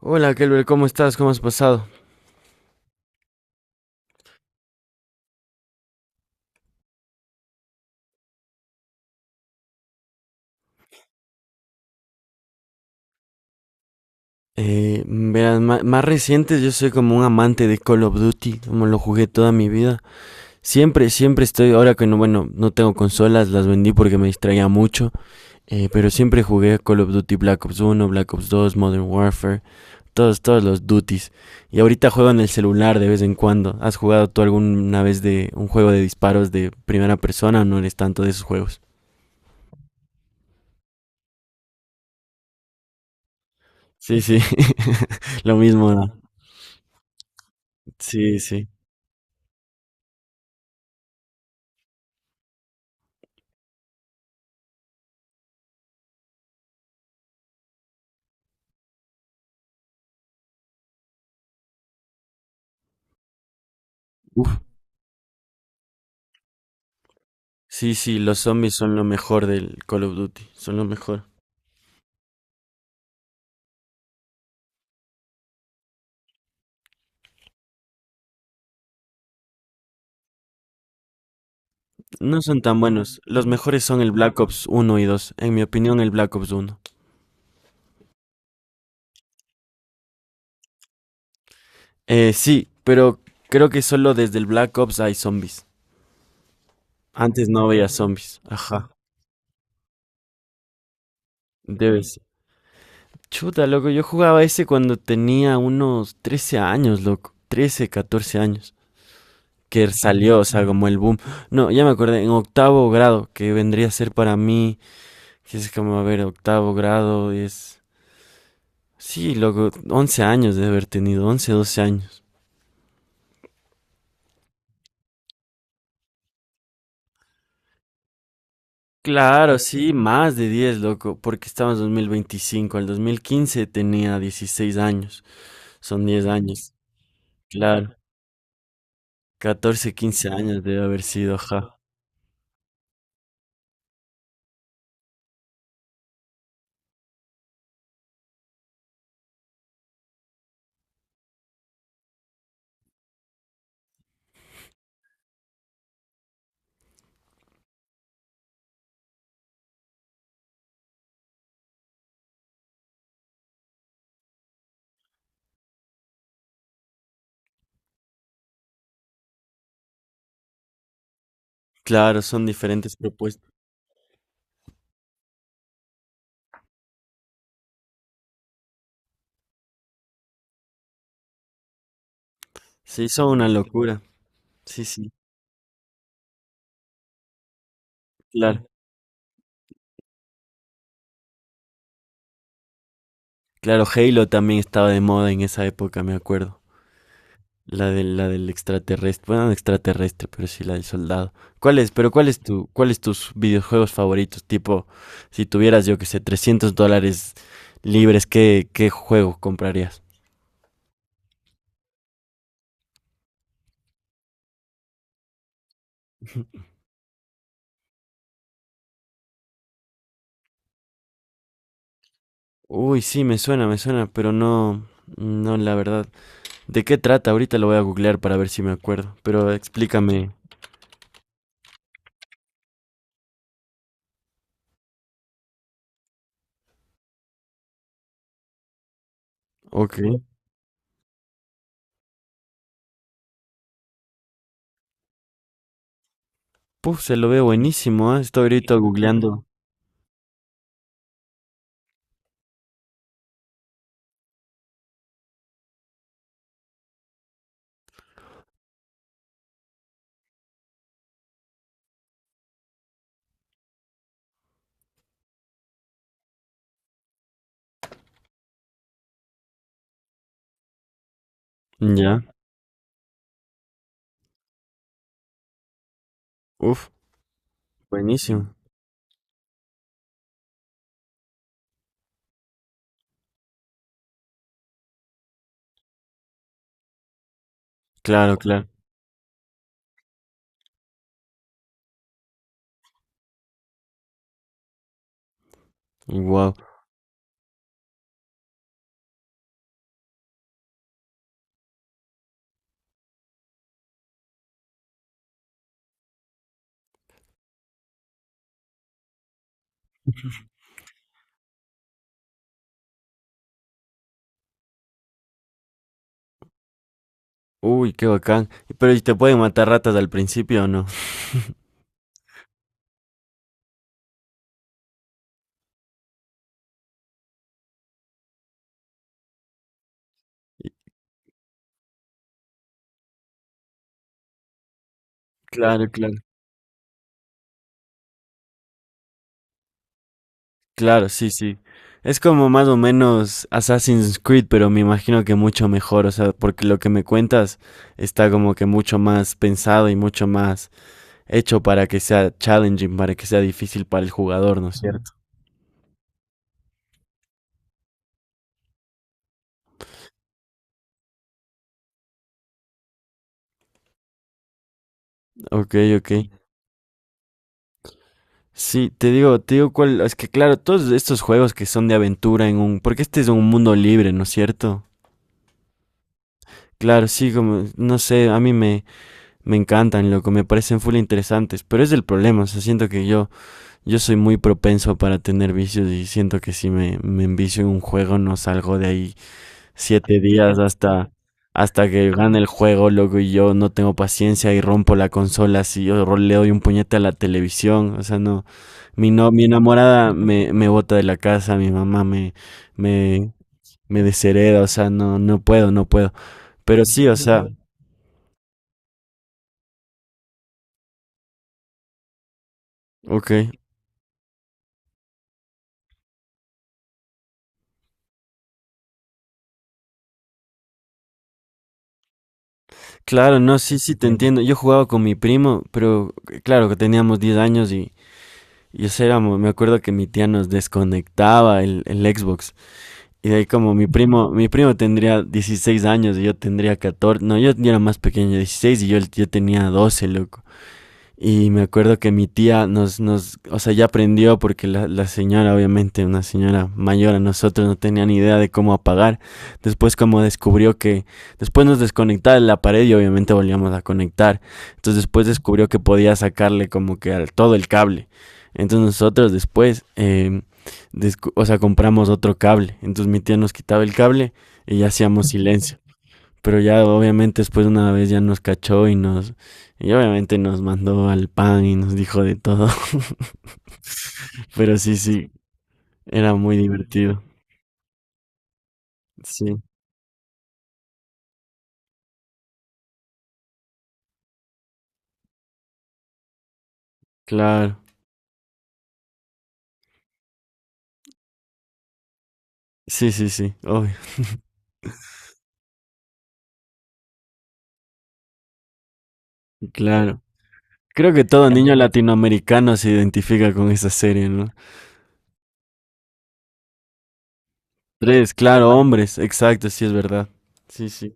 Hola, Kelber, ¿cómo estás? ¿Cómo has pasado? Verás, más recientes yo soy como un amante de Call of Duty, como lo jugué toda mi vida. Siempre estoy, ahora que no, bueno, no tengo consolas, las vendí porque me distraía mucho, pero siempre jugué Call of Duty Black Ops uno, Black Ops 2, Modern Warfare, todos los duties. Y ahorita juego en el celular de vez en cuando. ¿Has jugado tú alguna vez de un juego de disparos de primera persona o no eres tanto de esos juegos? Sí, sí, lo mismo, ¿no? Sí, sí. Sí, sí, los zombies son lo mejor del Call of Duty, son lo mejor. No son tan buenos, los mejores son el Black Ops uno y dos, en mi opinión el Black Ops uno. Sí, pero creo que solo desde el Black Ops hay zombies. Antes no había zombies, ajá, debe ser. Chuta, loco, yo jugaba ese cuando tenía unos 13 años, loco, 13 14 años, que salió, o sea, como el boom. No, ya me acordé, en octavo grado, que vendría a ser para mí, que es como, a ver, octavo grado es... Sí, loco, 11 años de haber tenido, 11, 12 años. Claro, sí, más de 10, loco, porque estamos en 2025. Al 2015 tenía 16 años. Son 10 años. Claro, 14, 15 años debe haber sido, ajá. Claro, son diferentes propuestas. Sí, son una locura. Sí, sí, claro. Claro, Halo también estaba de moda en esa época, me acuerdo. La del extraterrestre, bueno, no extraterrestre, pero sí la del soldado. ¿Cuál es, pero cuál es tu, cuál es tus videojuegos favoritos? Tipo, si tuvieras, yo que sé, $300 libres, ¿qué juego comprarías? Uy, sí, me suena, pero no, no, la verdad. ¿De qué trata? Ahorita lo voy a googlear para ver si me acuerdo, pero explícame. Ok. Puf, se lo ve buenísimo, ¿eh? Estoy ahorita googleando. Ya. Uf, buenísimo. Claro, claro. Wow. Uy, qué bacán. Pero, ¿y te pueden matar ratas al principio o no? Y- Claro, claro. Claro, sí, sí. Es como más o menos Assassin's Creed, pero me imagino que mucho mejor, o sea, porque lo que me cuentas está como que mucho más pensado y mucho más hecho para que sea challenging, para que sea difícil para el jugador, ¿no es cierto? Ok, ok. Sí, te digo cuál, es que claro, todos estos juegos que son de aventura en un, porque este es un mundo libre, ¿no es cierto? Claro, sí, como, no sé, a mí me, me encantan, loco, me parecen full interesantes, pero es el problema, o sea, siento que yo soy muy propenso para tener vicios y siento que si me envicio en un juego no salgo de ahí 7 días hasta que gane el juego, loco, y yo no tengo paciencia y rompo la consola, si yo le doy un puñete a la televisión, o sea, no, mi, no, mi enamorada me bota de la casa, mi mamá me, me deshereda, o sea, no, no puedo, no puedo, pero sí, o sea, ok. Claro, no, sí, sí, te entiendo. Yo jugaba con mi primo, pero claro que teníamos 10 años y eso éramos, me acuerdo que mi tía nos desconectaba el Xbox. Y de ahí como mi primo tendría 16 años y yo tendría 14, no, yo ya era más pequeño, 16 y yo tenía 12, loco. Y me acuerdo que mi tía nos o sea, ya aprendió, porque la señora, obviamente, una señora mayor a nosotros, no tenía ni idea de cómo apagar. Después como descubrió que, después nos desconectaba de la pared y obviamente volvíamos a conectar. Entonces después descubrió que podía sacarle como que al, todo el cable. Entonces nosotros después, o sea, compramos otro cable. Entonces mi tía nos quitaba el cable y ya hacíamos silencio. Pero ya obviamente después de una vez ya nos cachó y nos... Y obviamente nos mandó al pan y nos dijo de todo. Pero sí, sí, era muy divertido. Sí, claro. Sí, sí, sí, obvio. Claro. Creo que todo niño latinoamericano se identifica con esa serie, ¿no? Tres, claro, hombres, exacto, sí es verdad. Sí, sí.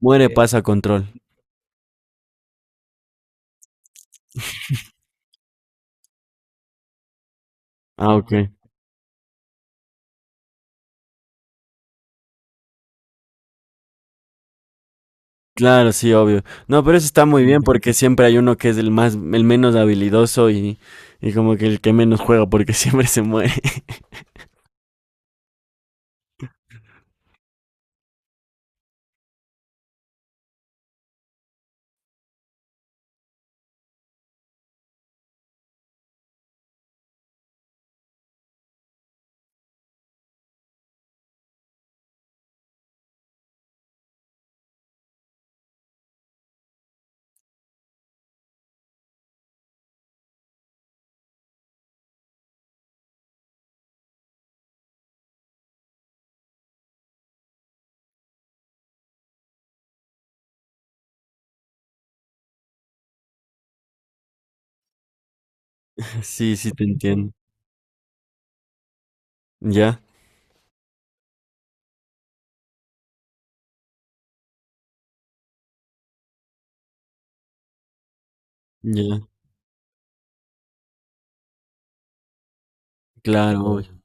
Muere, pasa control. Ah, ok. Claro, sí, obvio. No, pero eso está muy bien porque siempre hay uno que es el más, el menos habilidoso y como que el que menos juega porque siempre se muere. Sí, sí, te entiendo. Ya, ya, claro, obvio.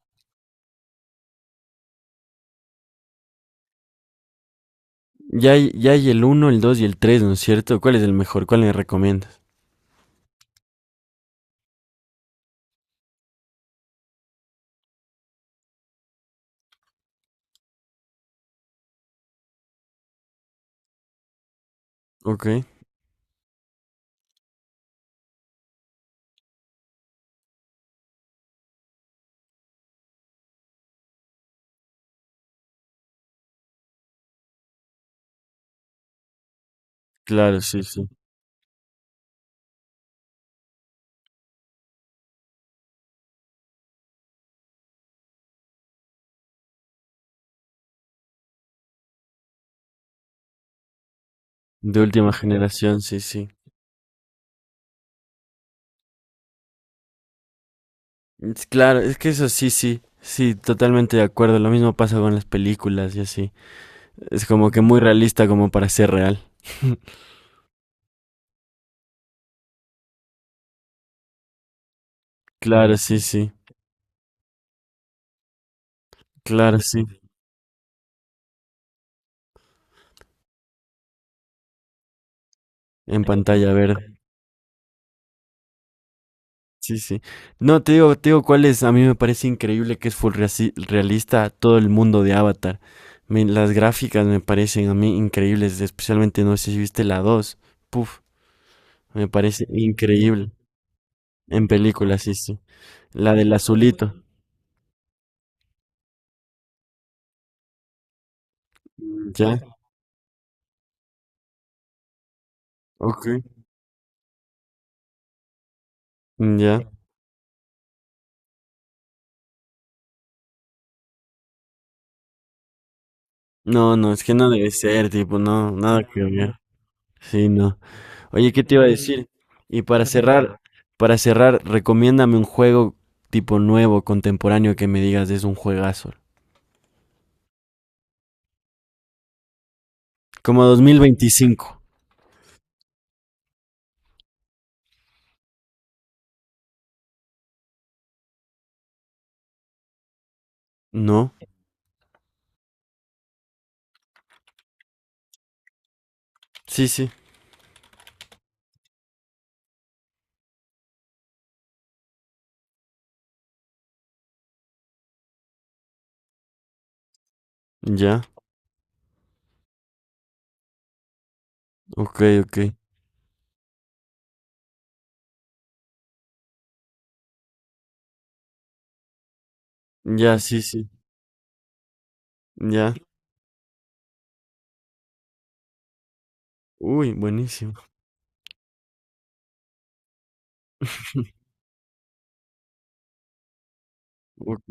Ya hay el uno, el 2 y el 3, ¿no es cierto? ¿Cuál es el mejor? ¿Cuál le recomiendas? Ok, claro, sí, sí. De última generación, sí, sí. Es claro, es que eso sí, sí. Sí, totalmente de acuerdo. Lo mismo pasa con las películas y así. Es como que muy realista como para ser real. Claro, sí, sí. Claro, sí, en pantalla verde. Sí, sí. No, te digo cuál es. A mí me parece increíble que es full realista todo el mundo de Avatar. Las gráficas me parecen a mí increíbles, especialmente no sé si viste la 2, puf, me parece increíble. En película, sí, sí. La del azulito. ¿Ya? Ok. ¿Ya? No, no, es que no debe ser, tipo, no, nada que ver. Sí, no. Oye, ¿qué te iba a decir? Y para cerrar, recomiéndame un juego tipo nuevo, contemporáneo, que me digas es un juegazo. Como 2025, ¿no? Sí, sí, ya, ok, ok. Ya, sí, sí, ya. Uy, buenísimo. Ok.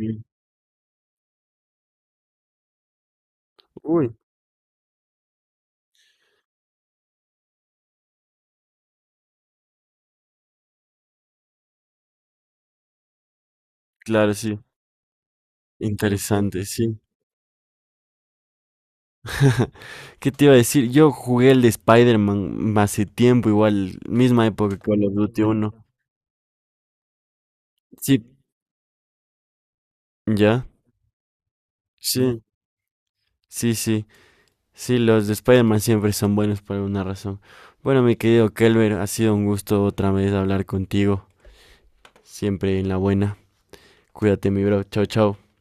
Uy, claro, sí. Interesante, sí. ¿Qué te iba a decir? Yo jugué el de Spider-Man hace tiempo, igual, misma época que Call of Duty 1. Sí, ya, sí, sí, sí. Sí, los de Spider-Man siempre son buenos por alguna razón. Bueno, mi querido Kelber, ha sido un gusto otra vez hablar contigo. Siempre en la buena. Cuídate, mi bro. Chao, chao.